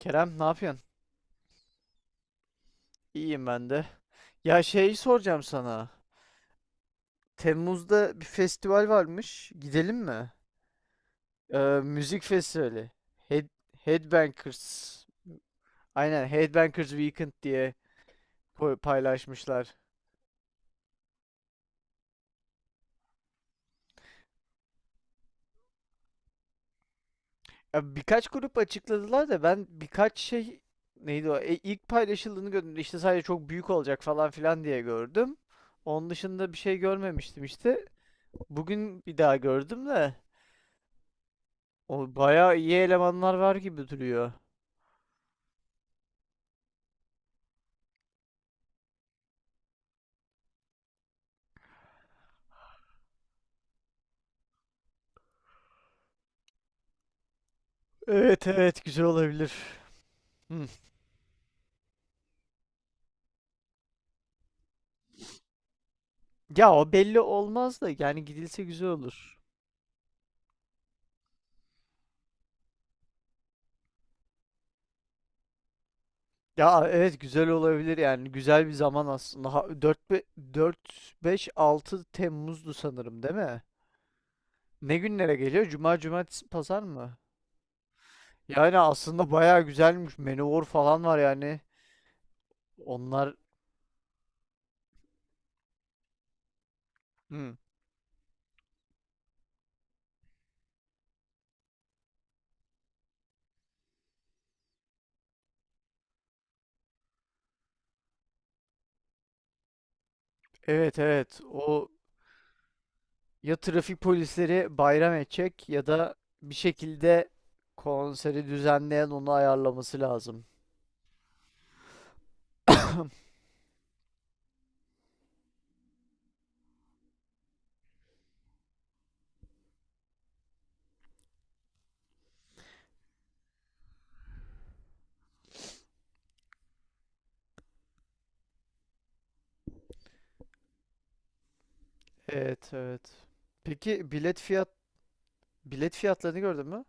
Kerem ne yapıyorsun? İyiyim ben de. Ya şey soracağım sana. Temmuz'da bir festival varmış. Gidelim mi? Ee, müzik festivali. Head, Headbangers. Aynen Headbangers Weekend diye paylaşmışlar. Ya birkaç grup açıkladılar da ben birkaç şey neydi o? İlk paylaşıldığını gördüm. İşte sadece çok büyük olacak falan filan diye gördüm. Onun dışında bir şey görmemiştim işte. Bugün bir daha gördüm de o bayağı iyi elemanlar var gibi duruyor. Evet, evet, güzel olabilir. Hmm. Ya o belli olmaz da yani gidilse güzel olur. Ya evet, güzel olabilir yani güzel bir zaman aslında. Ha, 4 5 6 Temmuz'du sanırım değil mi? Ne günlere geliyor? Cuma, cumartesi, pazar mı? Yani aslında bayağı güzelmiş. Manowar falan var yani. Onlar. Hmm. Evet, evet. O, ya trafik polisleri bayram edecek ya da bir şekilde konseri düzenleyen onu ayarlaması lazım. Evet, evet. Peki bilet fiyatlarını gördün mü?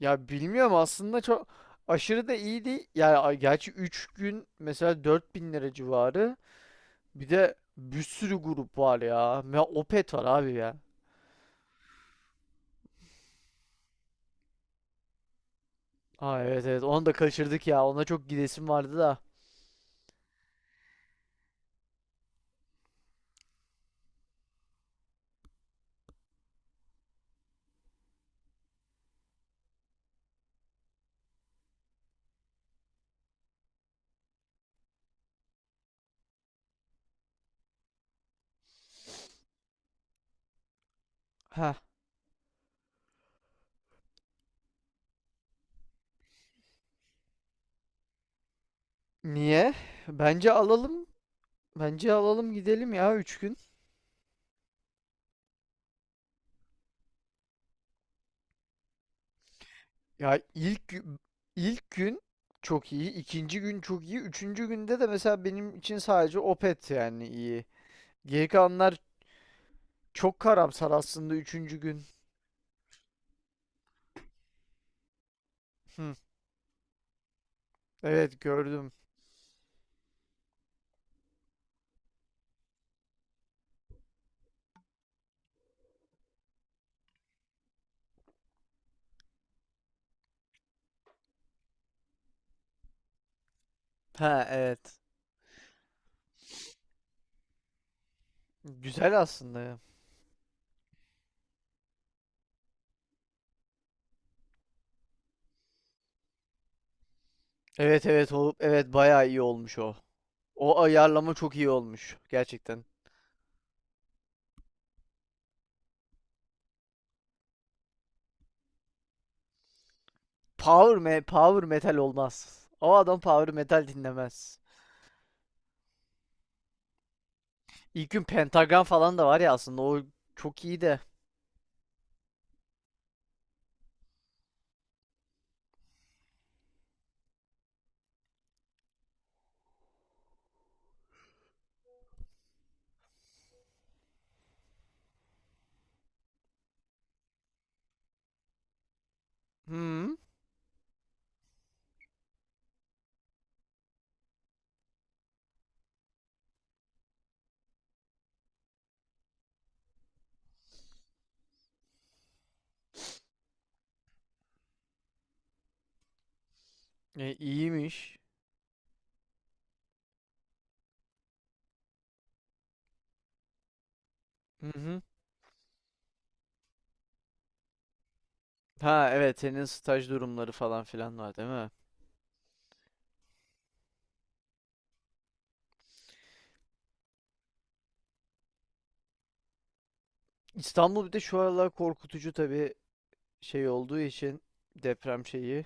Ya bilmiyorum aslında çok aşırı da iyi değil. Yani gerçi 3 gün mesela 4.000 lira civarı. Bir de bir sürü grup var ya. Ya Opet var abi ya. Aa, evet, evet, onu da kaçırdık ya. Ona çok gidesim vardı da. Ha, niye? Bence alalım. Bence alalım gidelim ya 3 gün. Ya ilk gün çok iyi, ikinci gün çok iyi, üçüncü günde de mesela benim için sadece Opet yani iyi. Geri kalanlar. Çok karamsar aslında üçüncü gün. Hı, evet, gördüm. Ha, evet. Güzel aslında ya. Evet, evet, olup evet bayağı iyi olmuş o. O ayarlama çok iyi olmuş gerçekten. Power metal olmaz. O adam power metal dinlemez. İlk gün pentagram falan da var ya aslında o çok iyi de. Hı, iyiymiş. Hı hı. Ha, evet, senin staj durumları falan filan var değil mi? İstanbul bir de şu aralar korkutucu tabii şey olduğu için deprem şeyi.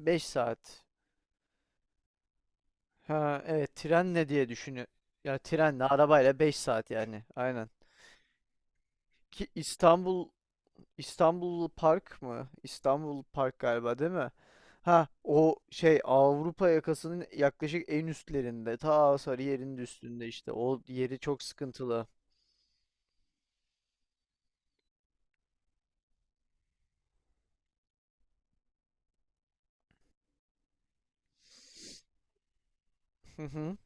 5 saat. Ha, evet, trenle diye düşünü. Ya trenle arabayla 5 saat yani. Aynen. Ki İstanbul Park mı? İstanbul Park galiba değil mi? Ha, o şey, Avrupa yakasının yaklaşık en üstlerinde. Ta Sarıyer'in de üstünde işte. O yeri çok sıkıntılı. Hı hı.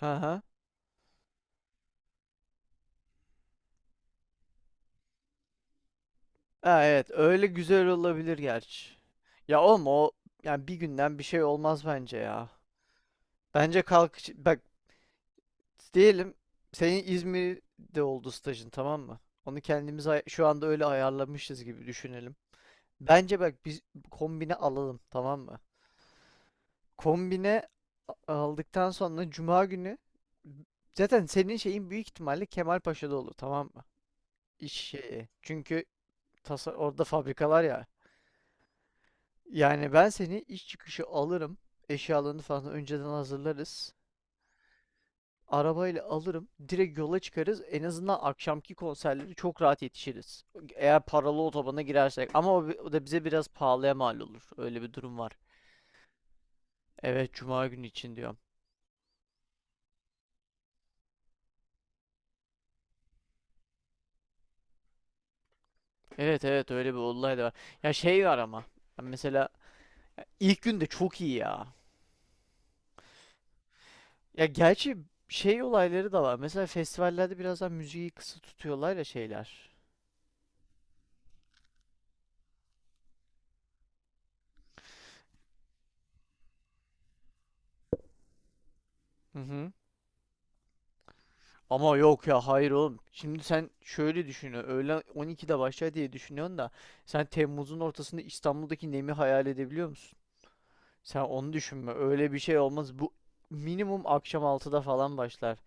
Ha ha. Ha, evet öyle güzel olabilir gerçi. Ya oğlum o yani bir günden bir şey olmaz bence ya. Bence kalk bak diyelim, senin İzmir'de oldu stajın tamam mı? Onu kendimiz şu anda öyle ayarlamışız gibi düşünelim. Bence bak biz kombine alalım tamam mı? Kombine aldıktan sonra cuma günü zaten senin şeyin büyük ihtimalle Kemalpaşa'da olur tamam mı? İş şeyi. Çünkü tasa orada fabrikalar ya. Yani ben seni iş çıkışı alırım. Eşyalarını falan önceden hazırlarız. Arabayla alırım. Direkt yola çıkarız. En azından akşamki konserleri çok rahat yetişiriz. Eğer paralı otobana girersek. Ama o da bize biraz pahalıya mal olur. Öyle bir durum var. Evet, Cuma günü için diyorum. Evet, evet, öyle bir olay da var. Ya şey var ama. Mesela ilk gün de çok iyi ya. Ya gerçi şey olayları da var. Mesela festivallerde biraz daha müziği kısa tutuyorlar ya şeyler. Hı hı. Ama yok ya hayır oğlum. Şimdi sen şöyle düşünüyorsun. Öğlen 12'de başlar diye düşünüyorsun da sen Temmuz'un ortasında İstanbul'daki nemi hayal edebiliyor musun? Sen onu düşünme. Öyle bir şey olmaz. Bu minimum akşam altıda falan başlar.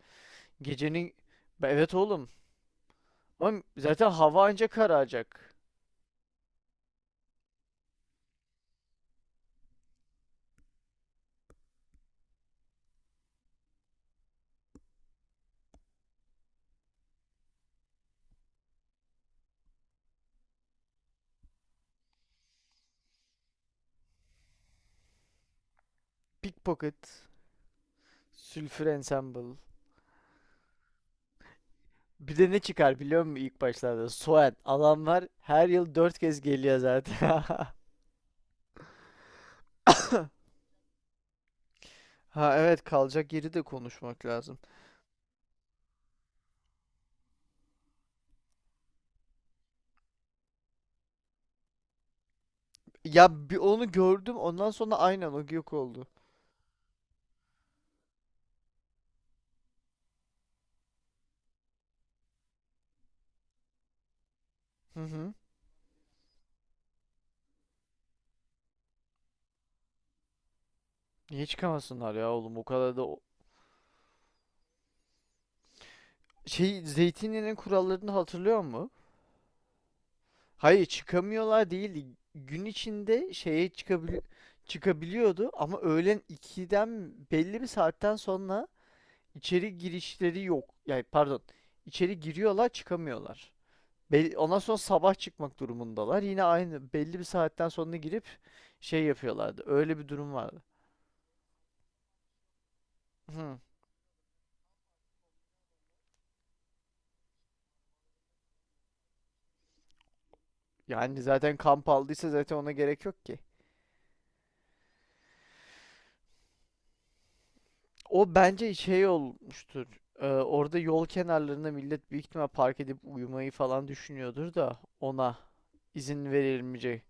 Gecenin. Evet, oğlum. Ama zaten hava ancak kararacak. Pickpocket, Sülfür Ensemble. Bir de ne çıkar biliyor musun ilk başlarda? Soğan. Adamlar her yıl 4 kez geliyor zaten. Ha, evet, kalacak yeri de konuşmak lazım. Ya bir onu gördüm, ondan sonra aynen o yok oldu. Hı hı. Niye çıkamasınlar ya oğlum, o kadar da şey Zeytinyağı'nın kurallarını hatırlıyor mu? Hayır çıkamıyorlar değildi. Gün içinde şeye çıkabiliyordu ama öğlen ikiden belli bir saatten sonra içeri girişleri yok. Yani pardon, içeri giriyorlar çıkamıyorlar. Ondan sonra sabah çıkmak durumundalar. Yine aynı belli bir saatten sonra girip şey yapıyorlardı. Öyle bir durum vardı. Hı. Yani zaten kamp aldıysa zaten ona gerek yok ki. O bence şey olmuştur. Orada yol kenarlarında millet büyük ihtimal park edip uyumayı falan düşünüyordur da ona izin verilmeyecek.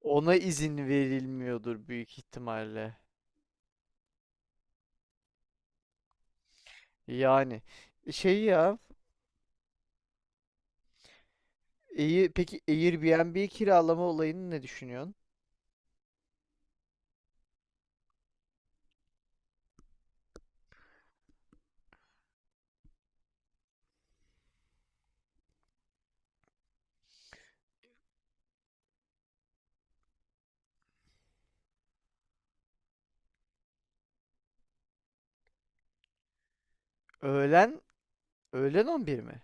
Ona izin verilmiyordur büyük ihtimalle. Yani şey ya, iyi peki Airbnb kiralama olayını ne düşünüyorsun? Öğlen öğlen 11 mi?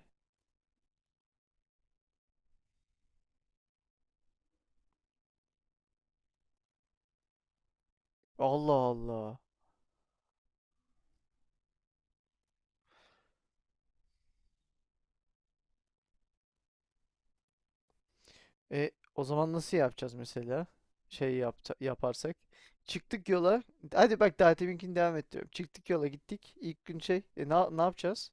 Allah Allah. O zaman nasıl yapacağız mesela? Şey yapta, yaparsak. Çıktık yola. Hadi bak daha deminkini devam et. Çıktık yola gittik. İlk gün şey. Ne yapacağız?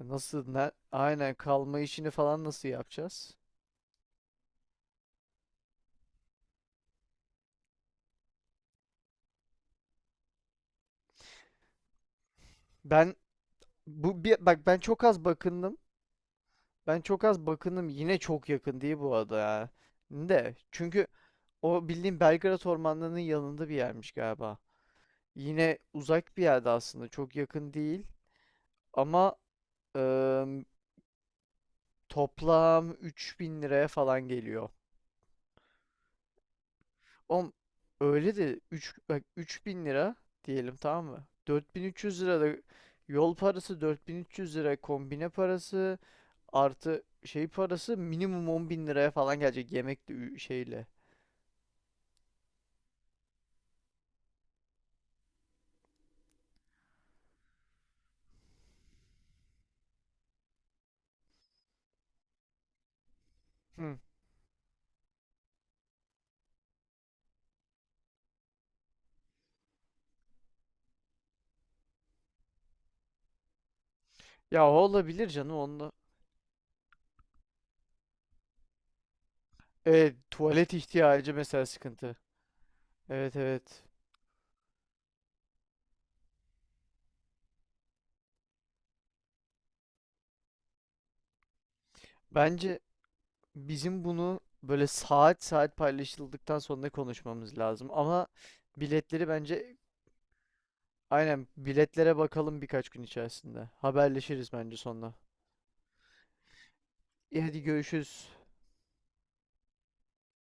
Nasıl? Aynen kalma işini falan nasıl yapacağız? Ben bak ben çok az bakındım. Ben çok az bakındım. Yine çok yakın değil bu arada ya. De çünkü o bildiğim Belgrad ormanlarının yanında bir yermiş galiba. Yine uzak bir yerde aslında. Çok yakın değil. Ama Eee toplam 3.000 liraya falan geliyor. Oğlum öyle de 3 bak 3.000 lira diyelim tamam mı? 4.300 lira da yol parası, 4.300 lira kombine parası artı şey parası minimum 10.000 liraya falan gelecek yemekle şeyle. Hı. Ya o olabilir canım onunla. Evet, tuvalet ihtiyacı mesela sıkıntı. Evet, evet. Bence bizim bunu böyle saat saat paylaşıldıktan sonra konuşmamız lazım ama biletleri bence aynen biletlere bakalım birkaç gün içerisinde. Haberleşiriz bence sonra. İyi, hadi görüşürüz.